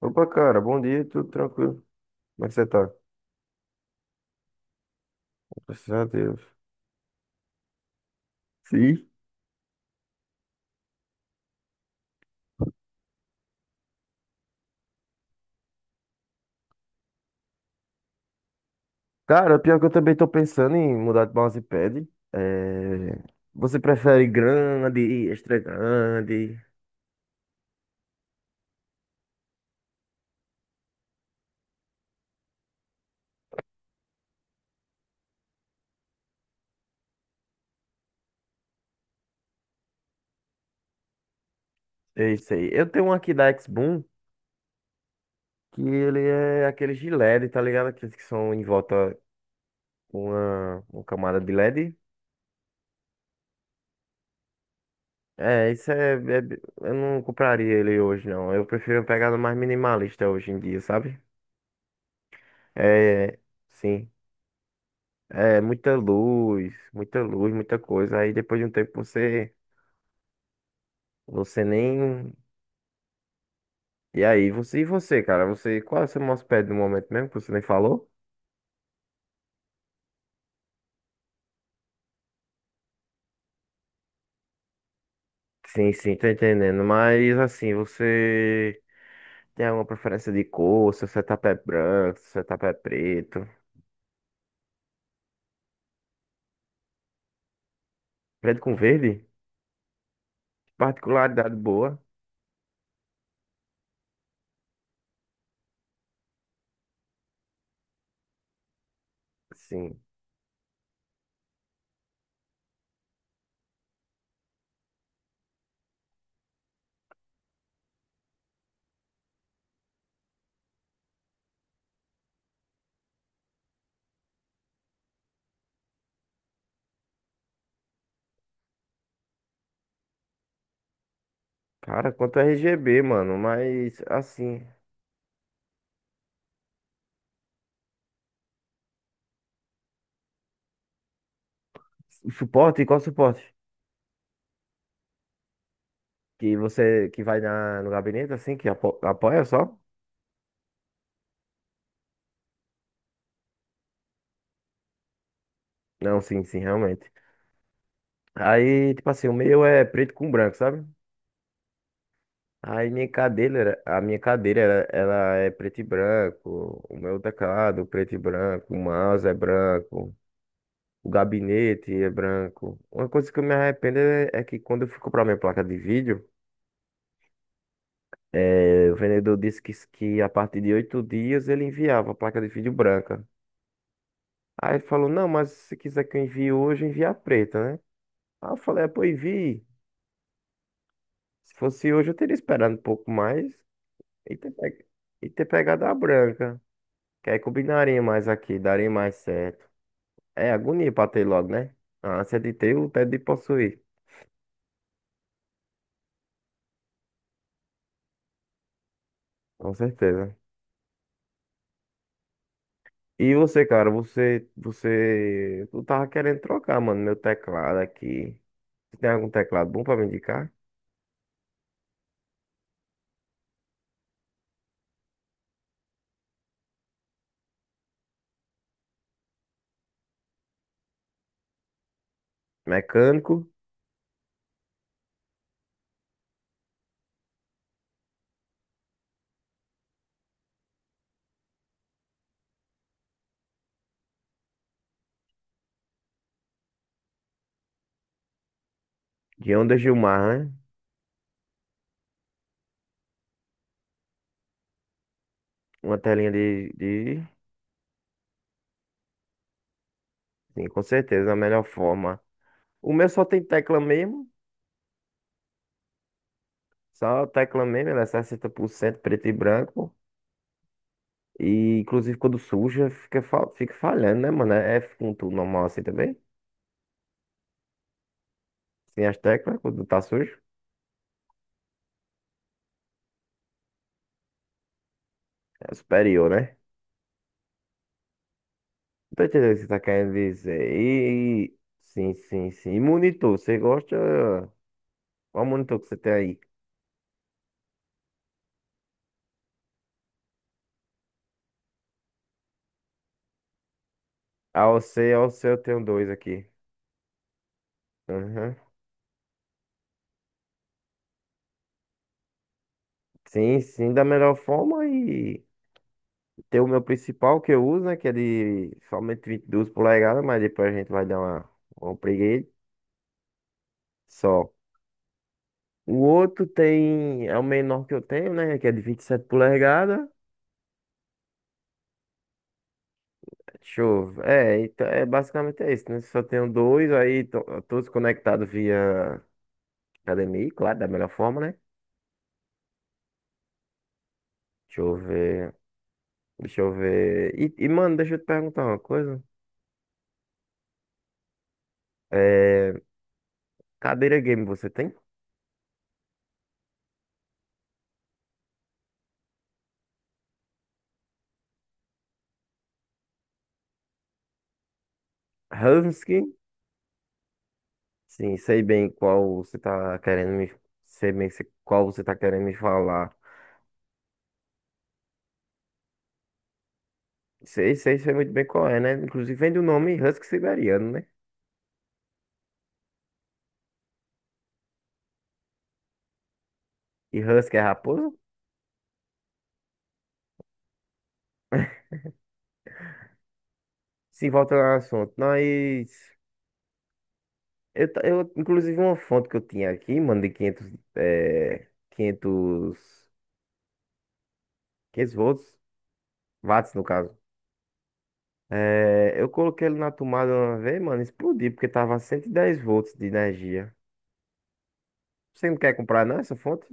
Opa, cara, bom dia, tudo tranquilo? Como é que você tá? Graças a Deus. Sim. Cara, pior que eu também tô pensando em mudar de mousepad. É... Você prefere grande, extra grande? É isso aí. Eu tenho um aqui da X-Boom, que ele é aquele de LED, tá ligado? Aqueles que são em volta com uma camada de LED. É, isso é, é- Eu não compraria ele hoje, não. Eu prefiro uma pegada mais minimalista hoje em dia, sabe? É, sim. É, muita luz, muita luz, muita coisa. Aí depois de um tempo você nem. E aí, você, cara? Você, qual é o seu mouse pad no momento mesmo que você nem falou? Sim, sim, tô entendendo. Mas assim, você tem alguma preferência de cor? Seu setup é branco, seu setup é preto. Preto com verde? Particularidade boa. Sim. Cara, quanto a RGB, mano, mas assim, o suporte, qual suporte? Que você que vai na, no gabinete assim, que apoia só? Não, sim, sim, realmente. Aí, tipo assim, o meu é preto com branco, sabe? Aí minha cadeira, era- a minha cadeira, era- ela é preto e branco. O meu teclado, preto e branco. O mouse é branco. O gabinete é branco. Uma coisa que eu me arrependo é que quando eu fui comprar minha placa de vídeo, o vendedor disse que a partir de 8 dias ele enviava a placa de vídeo branca. Aí ele falou, não, mas se quiser que eu envie hoje, envia a preta, né? Aí eu falei, ah, pô, envie. Se fosse hoje, eu teria esperado um pouco mais. E ter, pe- e ter pegado a branca. Que aí combinaria mais aqui, daria mais certo. É agonia pra ter logo, né? A ânsia de ter, o tédio de possuir. Com certeza. E você, cara, tu tava querendo trocar, mano, meu teclado aqui. Você tem algum teclado bom pra me indicar? Mecânico, de onda Gilmar, né? Uma telinha de... Sim, com certeza, a melhor forma. O meu só tem tecla mesmo, só tecla mesmo, ela é 60% preto e branco. E inclusive quando suja, fica falhando, né, mano? É F com tudo normal assim também? Sem as teclas, quando tá sujo, é superior, né? Não tô entendendo o que você tá querendo dizer. Sim, sim, sim. E monitor, você gosta? Qual monitor que você tem aí? AOC, AOC, eu tenho dois aqui. Aham. Sim, sim, da melhor forma e tem o meu principal que eu uso, né? Que é de somente 22 polegadas, mas depois a gente vai dar uma preguiça só. O outro tem, é o menor que eu tenho, né? Que é de 27 polegadas. Deixa eu ver. É, então, é basicamente é isso, né? Só tenho dois, aí todos conectados via HDMI, claro, da melhor forma, né? Deixa eu ver. Deixa eu ver. Mano, deixa eu te perguntar uma coisa. É, cadeira game você tem? Husky? Sim, sei bem qual você tá querendo me. Sei bem se- qual você tá querendo me falar. Sei, sei, sei muito bem qual é, né? Inclusive vem do nome Husky Siberiano, né? E Husky é raposa? Sim, volta ao assunto, nós. Inclusive, uma fonte que eu tinha aqui, mano, de 500, é, 500, 500 volts, watts no caso. É, eu coloquei ele na tomada uma vez, mano, explodiu, porque tava 110 volts de energia. Você não quer comprar, não, essa fonte?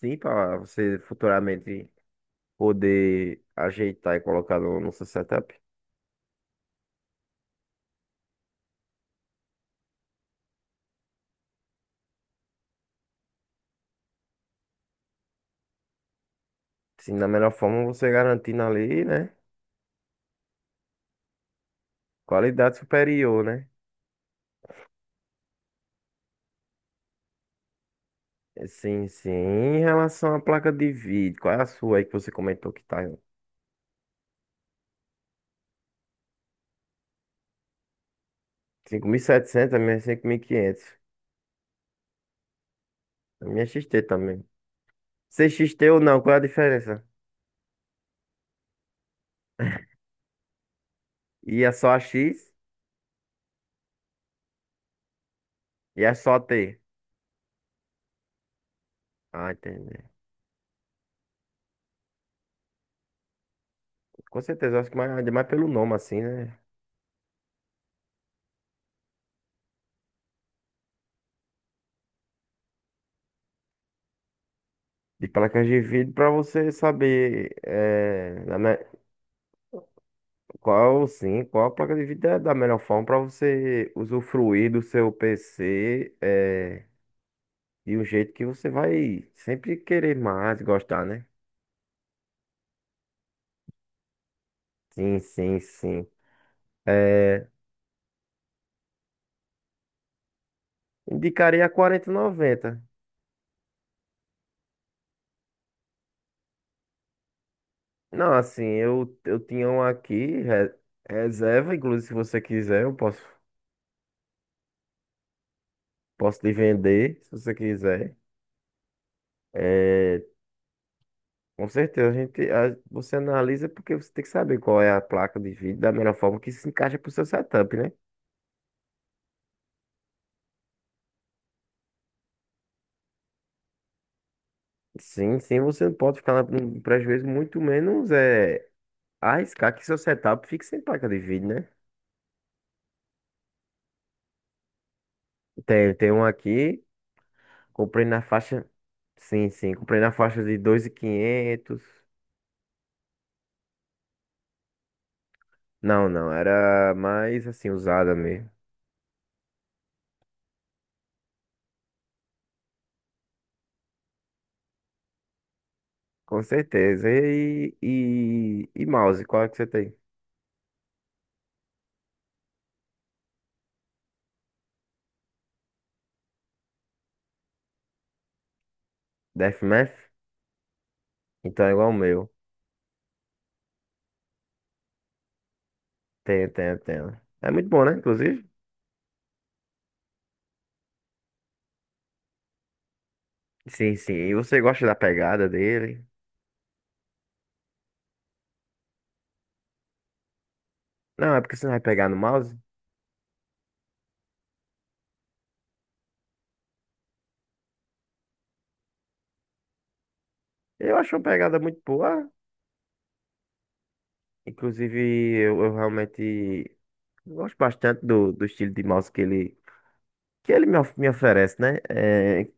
Sim, pra você futuramente poder ajeitar e colocar no seu setup. Sim, da melhor forma você garantindo ali, né? Qualidade superior, né? Sim, sim. Em relação à placa de vídeo, qual é a sua aí que você comentou que tá 5.700, a minha é 5.500. A minha é XT também. CXT ou não, qual é a diferença? E é só a X e é só a T. Ah, entendi. Com certeza, acho que mais, ainda mais pelo nome assim, né? De placas de vídeo para você saber qual sim, qual a placa de vídeo é da melhor forma para você usufruir do seu PC. E o jeito que você vai sempre querer mais, gostar, né? Sim, sim, sim. É, indicaria a 4090. Não, assim, eu tinha um aqui, reserva, inclusive se você quiser, eu posso, posso te vender, se você quiser. É, com certeza, você analisa porque você tem que saber qual é a placa de vídeo da melhor forma que se encaixa pro seu setup, né? Sim, sim, você não pode ficar no prejuízo, muito menos arriscar que seu setup fique sem placa de vídeo, né? Tem, tem um aqui. Comprei na faixa. Sim, sim. Comprei na faixa de 2.500. Não, não. Era mais assim, usada mesmo. Com certeza. E mouse, qual é que você tem? Deathmatch? Então é igual o meu. Tenho, tenho, tenho. É muito bom, né? Inclusive. Sim, sim. E você gosta da pegada dele? Não, é porque você não vai pegar no mouse? Eu acho uma pegada muito boa. Inclusive, eu realmente gosto bastante do, do estilo de mouse que ele. Que ele me, me oferece, né?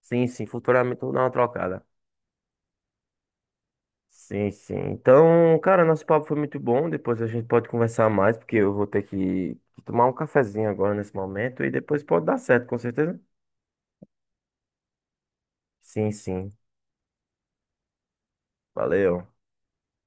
Sim, sim, futuramente eu vou dar uma trocada. Sim, sim. Então, cara, nosso papo foi muito bom. Depois a gente pode conversar mais, porque eu vou ter que tomar um cafezinho agora nesse momento e depois pode dar certo, com certeza. Sim, sim. Valeu.